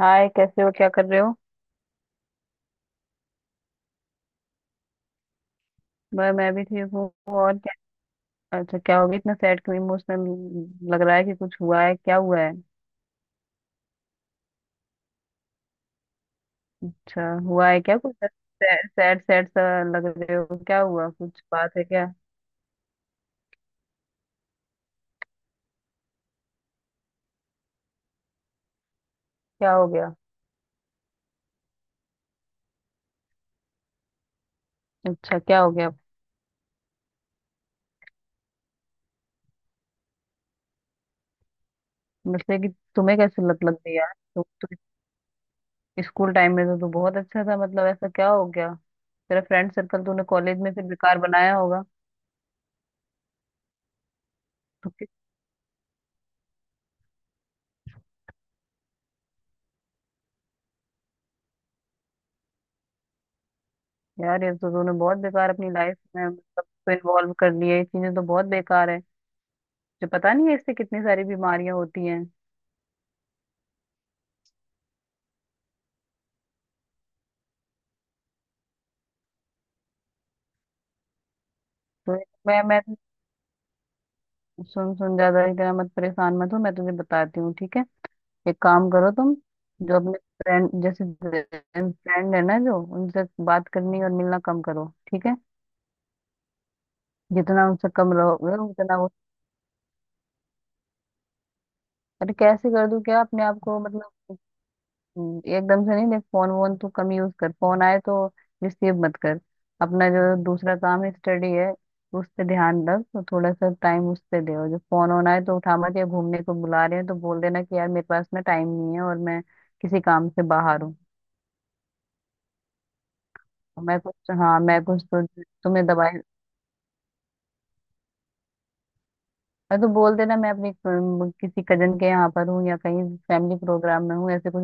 हाय, कैसे हो? क्या कर रहे हो? मैं भी ठीक हूँ। और क्या? अच्छा, क्या हो गया? इतना सैड क्यों? इमोशनल लग रहा है कि कुछ हुआ है। क्या हुआ है? अच्छा, हुआ है क्या कुछ? सैड सैड सा लग रहे हो। क्या हुआ? कुछ बात है क्या? क्या हो गया? अच्छा, क्या हो गया? मतलब कि तुम्हें कैसे लत लग गई यार? तुम तो स्कूल टाइम में तो तू बहुत अच्छा था। मतलब, ऐसा क्या हो गया? तेरा फ्रेंड सर्कल तूने कॉलेज में फिर बेकार बनाया होगा। तो कि- यार, ये तो तूने बहुत बेकार अपनी लाइफ में मतलब इन्वॉल्व कर लिया। ये चीजें तो बहुत बेकार है जो पता नहीं है, इससे कितनी सारी बीमारियां होती हैं। तो मैं सुन सुन, ज्यादा इतना मत परेशान मत हो। मैं तुझे बताती हूँ, ठीक है? एक काम करो तुम, जो अपने फ्रेंड जैसे फ्रेंड है ना, जो उनसे बात करनी और मिलना कम करो, ठीक है? जितना उनसे कम रहोगे उतना वो। अरे, कैसे कर दूं क्या अपने आप को मतलब, एकदम से नहीं। देख, फोन वोन तू कम यूज कर। फोन आए तो रिसीव मत कर। अपना जो दूसरा काम है, स्टडी है, उस पे ध्यान रख। तो थोड़ा सा टाइम उस पे दे, और जो फोन ऑन आए तो उठा मत। या घूमने को बुला रहे हैं तो बोल देना कि यार, मेरे पास ना टाइम नहीं है और मैं किसी काम से बाहर हूँ। मैं कुछ हाँ, मैं कुछ तो। तुम्हें दवाई, और तो बोल देना मैं अपनी किसी कजन के यहाँ पर हूँ, या कहीं फैमिली प्रोग्राम में हूँ, ऐसे कुछ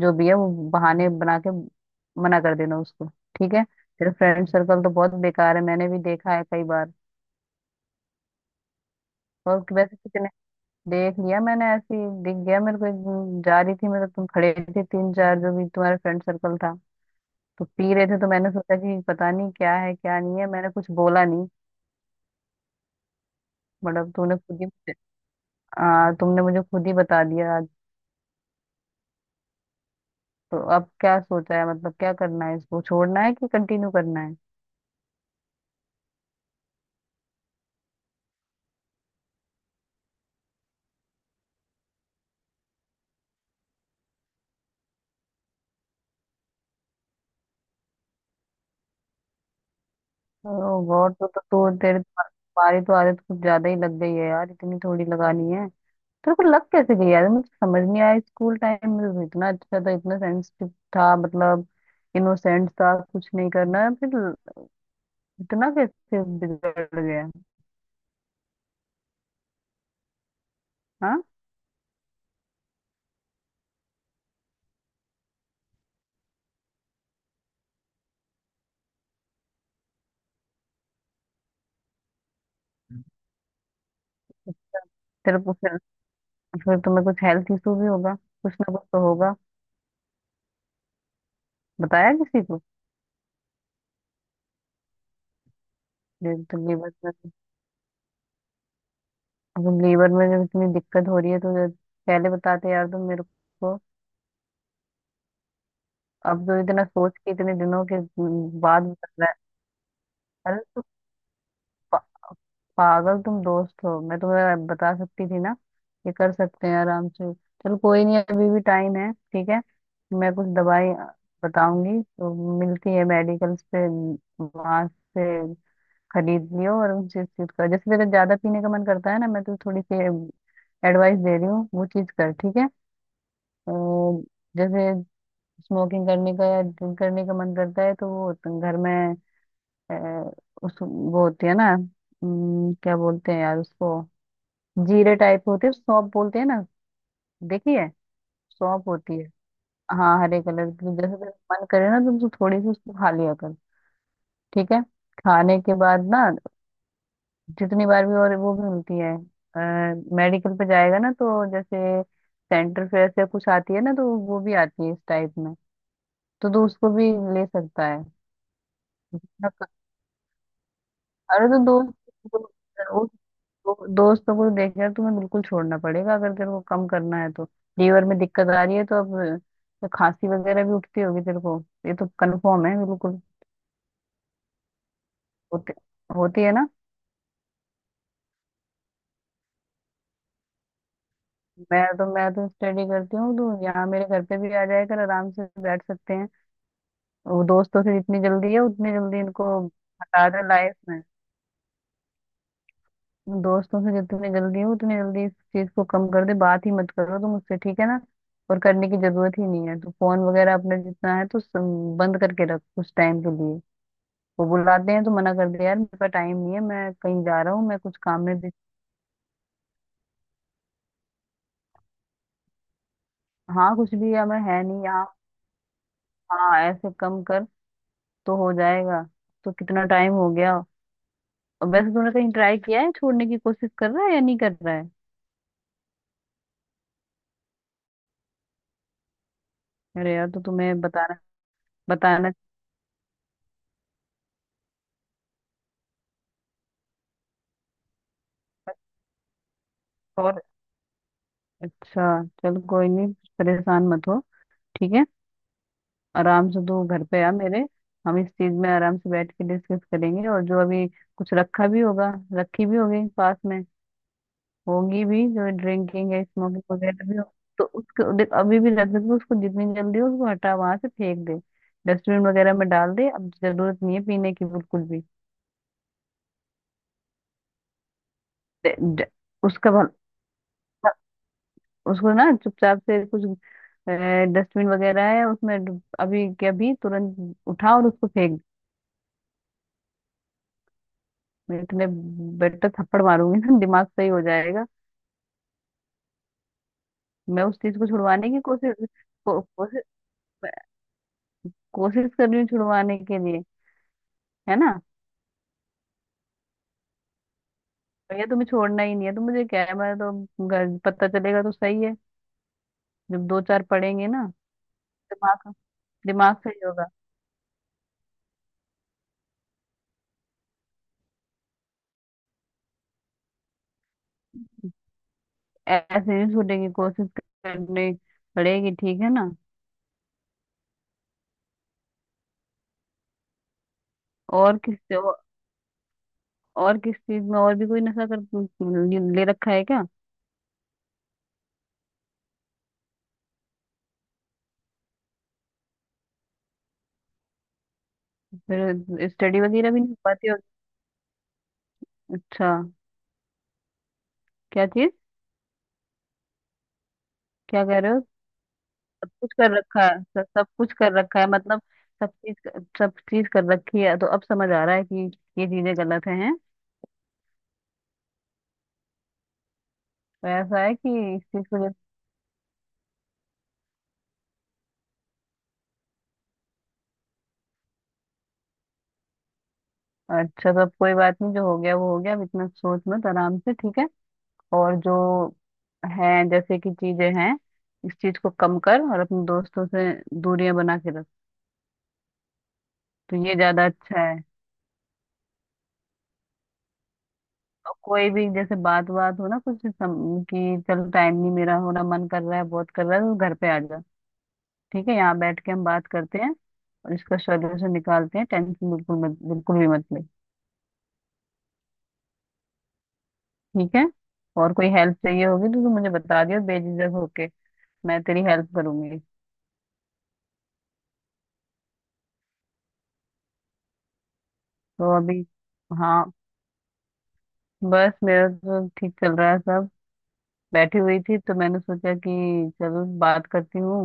जो भी है वो बहाने बना के मना कर देना उसको। ठीक है? तेरा फ्रेंड सर्कल तो बहुत बेकार है, मैंने भी देखा है कई बार। और वैसे कितने, देख लिया मैंने ऐसी। दिख गया मेरे को एक दिन, जा रही थी, मतलब तुम खड़े थे, तीन चार जो भी तुम्हारा फ्रेंड सर्कल था, तो पी रहे थे। तो मैंने सोचा कि पता नहीं क्या है क्या नहीं है, मैंने कुछ बोला नहीं। मतलब तूने खुद ही मुझे- हाँ, तुमने मुझे खुद ही बता दिया। तो अब क्या सोचा है? मतलब, क्या करना है, इसको छोड़ना है कि कंटिन्यू करना है? ओ गॉड, तो तेरे तो तुम्हारी तो आदत कुछ ज्यादा ही लग गई है यार। इतनी थोड़ी लगानी है। तेरे को लग कैसे गई यार? मुझे समझ नहीं आया, स्कूल टाइम में तो इतना अच्छा था, इतना सेंसिटिव था, मतलब इनोसेंट था, कुछ नहीं करना। फिर इतना कैसे बिगड़ गया? हाँ। तेरे को फिर तुम्हें कुछ हेल्थ इशू भी होगा, कुछ ना कुछ तो होगा। बताया किसी को? ये तो, ये बस, अब लेबर में जब इतनी दिक्कत हो रही है तो जब पहले बताते यार तुम मेरे को। अब तो इतना सोच के, इतने दिनों के बाद बता रहा है। अरे तो, पा, पागल, तुम दोस्त हो, मैं तुम्हें बता सकती थी ना। ये कर सकते हैं आराम से। चलो, कोई नहीं, अभी भी टाइम है, ठीक है। मैं कुछ दवाई बताऊंगी तो मिलती है मेडिकल पे, वहां से खरीद लियो और उनसे चीज कर। जैसे तेरा ज्यादा पीने का मन करता है ना, मैं तो थोड़ी सी एडवाइस दे रही हूँ, वो चीज कर, ठीक है? और जैसे स्मोकिंग करने का या ड्रिंक करने का मन करता है, तो वो तो घर में, अ, उस, वो होती है ना, क्या बोलते हैं यार उसको, जीरे टाइप होते हैं, सौंफ बोलते हैं ना। देखी है? सौंफ होती है, हाँ, हरे कलर की। जैसे तेरा मन करे ना, तो तू थोड़ी सी उसको खा लिया कर, ठीक है? खाने के बाद ना, जितनी बार भी। और वो भी मिलती है मेडिकल पे। जाएगा ना तो जैसे सेंटर फेयर से कुछ आती है ना, तो वो भी आती है इस टाइप में, तो तू उसको भी ले सकता है। अरे तो, दोस्त दोस्त दो- दोस्तों को देख यार, तुम्हें बिल्कुल छोड़ना पड़ेगा अगर तेरे को कम करना है तो। लीवर में दिक्कत आ रही है तो अब तो खांसी वगैरह भी उठती होगी तेरे को, ये तो कंफर्म है बिल्कुल। होती होती है ना। मैं तो स्टडी करती हूँ, तो यहाँ मेरे घर पे भी आ जाया कर, आराम से बैठ सकते हैं। वो दोस्तों से जितनी जल्दी है उतनी जल्दी इनको हटा दे लाइफ में। दोस्तों से जितने जल्दी हो उतने जल्दी इस चीज को कम कर दे, बात ही मत करो तुम उससे, ठीक है ना? और करने की जरूरत ही नहीं है। तो फोन वगैरह अपना जितना है तो बंद करके रख कुछ टाइम के लिए। वो बुलाते हैं तो मना कर दे, यार मेरे पास टाइम नहीं है, मैं कहीं जा रहा हूँ, मैं कुछ काम में भी। हाँ, कुछ भी, या मैं है नहीं यहाँ, हाँ, ऐसे कम कर तो हो जाएगा। तो कितना टाइम हो गया? और वैसे तूने कहीं ट्राई किया है, छोड़ने की कोशिश कर रहा है या नहीं कर रहा है? अरे यार, तो तुम्हें बताना बताना चाहिए। और अच्छा, चलो कोई नहीं, परेशान मत हो, ठीक है? आराम से तू घर पे आ मेरे। हम इस चीज में आराम से बैठ के डिस्कस करेंगे। और जो अभी कुछ रखा भी होगा, रखी भी होगी पास में, होगी भी जो ड्रिंकिंग है, स्मोकिंग वगैरह भी हो, तो उसको देख। अभी भी रख सकते उसको, जितनी जल्दी हो उसको हटा, वहां से फेंक दे, डस्टबिन वगैरह में डाल दे, अब जरूरत नहीं है पीने की बिल्कुल भी। दे- दे- उसका भल- उसको ना चुपचाप से, कुछ डस्टबिन वगैरह है उसमें अभी के अभी तुरंत उठा और उसको फेंक। मैं इतने बेटर थप्पड़ मारूंगी ना, दिमाग सही हो जाएगा। मैं उस चीज को छुड़वाने की कोशिश, को, कोशिश कोशिश कर रही हूँ छुड़वाने के लिए, है ना? भैया तुम्हें छोड़ना ही नहीं है तो मुझे क्या है, पता चलेगा तो सही है, जब दो चार पढ़ेंगे ना, दिमाग दिमाग सही होगा। ऐसे नहीं छूटेगी, कोशिश करनी पड़ेगी, ठीक है ना? और किस और और किस चीज में और भी कोई नशा कर ले ले रखा है क्या? फिर स्टडी वगैरह भी नहीं हो पाती होगी। अच्छा, क्या चीज? क्या कह रहे हो? सब कुछ कर रखा है, सब कुछ कर रखा है मतलब? सब चीज, सब चीज कर रखी है, तो अब समझ आ रहा है कि ये चीजें गलत हैं। तो ऐसा है कि इस चीज को जब-, अच्छा, सब कोई बात नहीं, जो हो गया वो हो गया, अब इतना सोच मत, आराम से, ठीक है? और जो है जैसे कि चीजें हैं, इस चीज को कम कर, और अपने दोस्तों से दूरियां बना के रख, तो ये ज्यादा अच्छा है। और कोई भी जैसे बात बात हो ना, कि चल, टाइम नहीं मेरा हो रहा, मन कर रहा है बहुत कर रहा है, तो घर पे आ जा, ठीक है? यहाँ बैठ के हम बात करते हैं और इसका सोल्यूशन निकालते हैं। टेंशन बिल्कुल मत, बिल्कुल भी मत ले, ठीक है? और कोई हेल्प चाहिए होगी तो तू मुझे बता दियो बेझिझक होके, मैं तेरी हेल्प करूंगी। तो अभी, हाँ, बस मेरा तो ठीक चल रहा है सब। बैठी हुई थी तो मैंने सोचा कि चलो बात करती हूँ,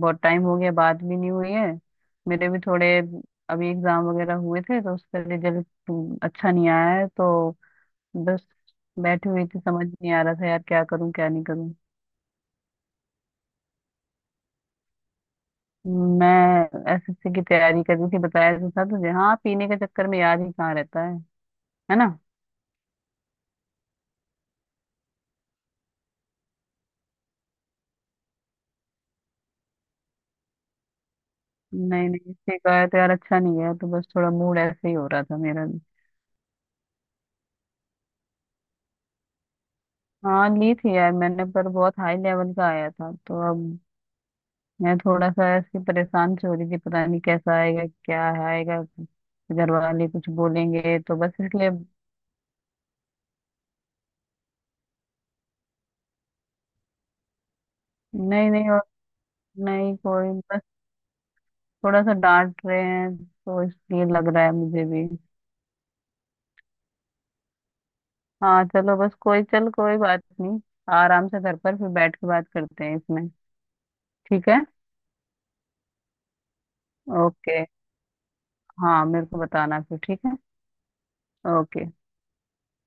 बहुत टाइम हो गया, बात भी नहीं हुई है। मेरे भी थोड़े अभी एग्जाम वगैरह हुए थे, तो उसका रिजल्ट अच्छा नहीं आया है, तो बस बैठी हुई थी, समझ नहीं आ रहा था यार क्या करूँ क्या नहीं करूँ। मैं एसएससी की तैयारी कर रही थी, बताया तो था तुझे। हाँ, पीने के चक्कर में याद ही कहाँ रहता है ना? नहीं नहीं, इससे कहा तो यार अच्छा नहीं है, तो बस थोड़ा मूड ऐसे ही हो रहा था मेरा भी। हाँ ली थी यार मैंने, पर बहुत हाई लेवल का आया था, तो अब मैं थोड़ा सा ऐसी परेशान से हो रही थी, पता नहीं कैसा आएगा क्या आएगा, घर वाले कुछ बोलेंगे, तो बस इसलिए। नहीं नहीं, और नहीं कोई, बस थोड़ा सा डांट रहे हैं, तो इसलिए लग रहा है मुझे भी। हाँ चलो बस, कोई चल, कोई बात नहीं, आराम से घर पर फिर बैठ के बात करते हैं इसमें, ठीक है? ओके। हाँ मेरे को बताना फिर, ठीक है? ओके।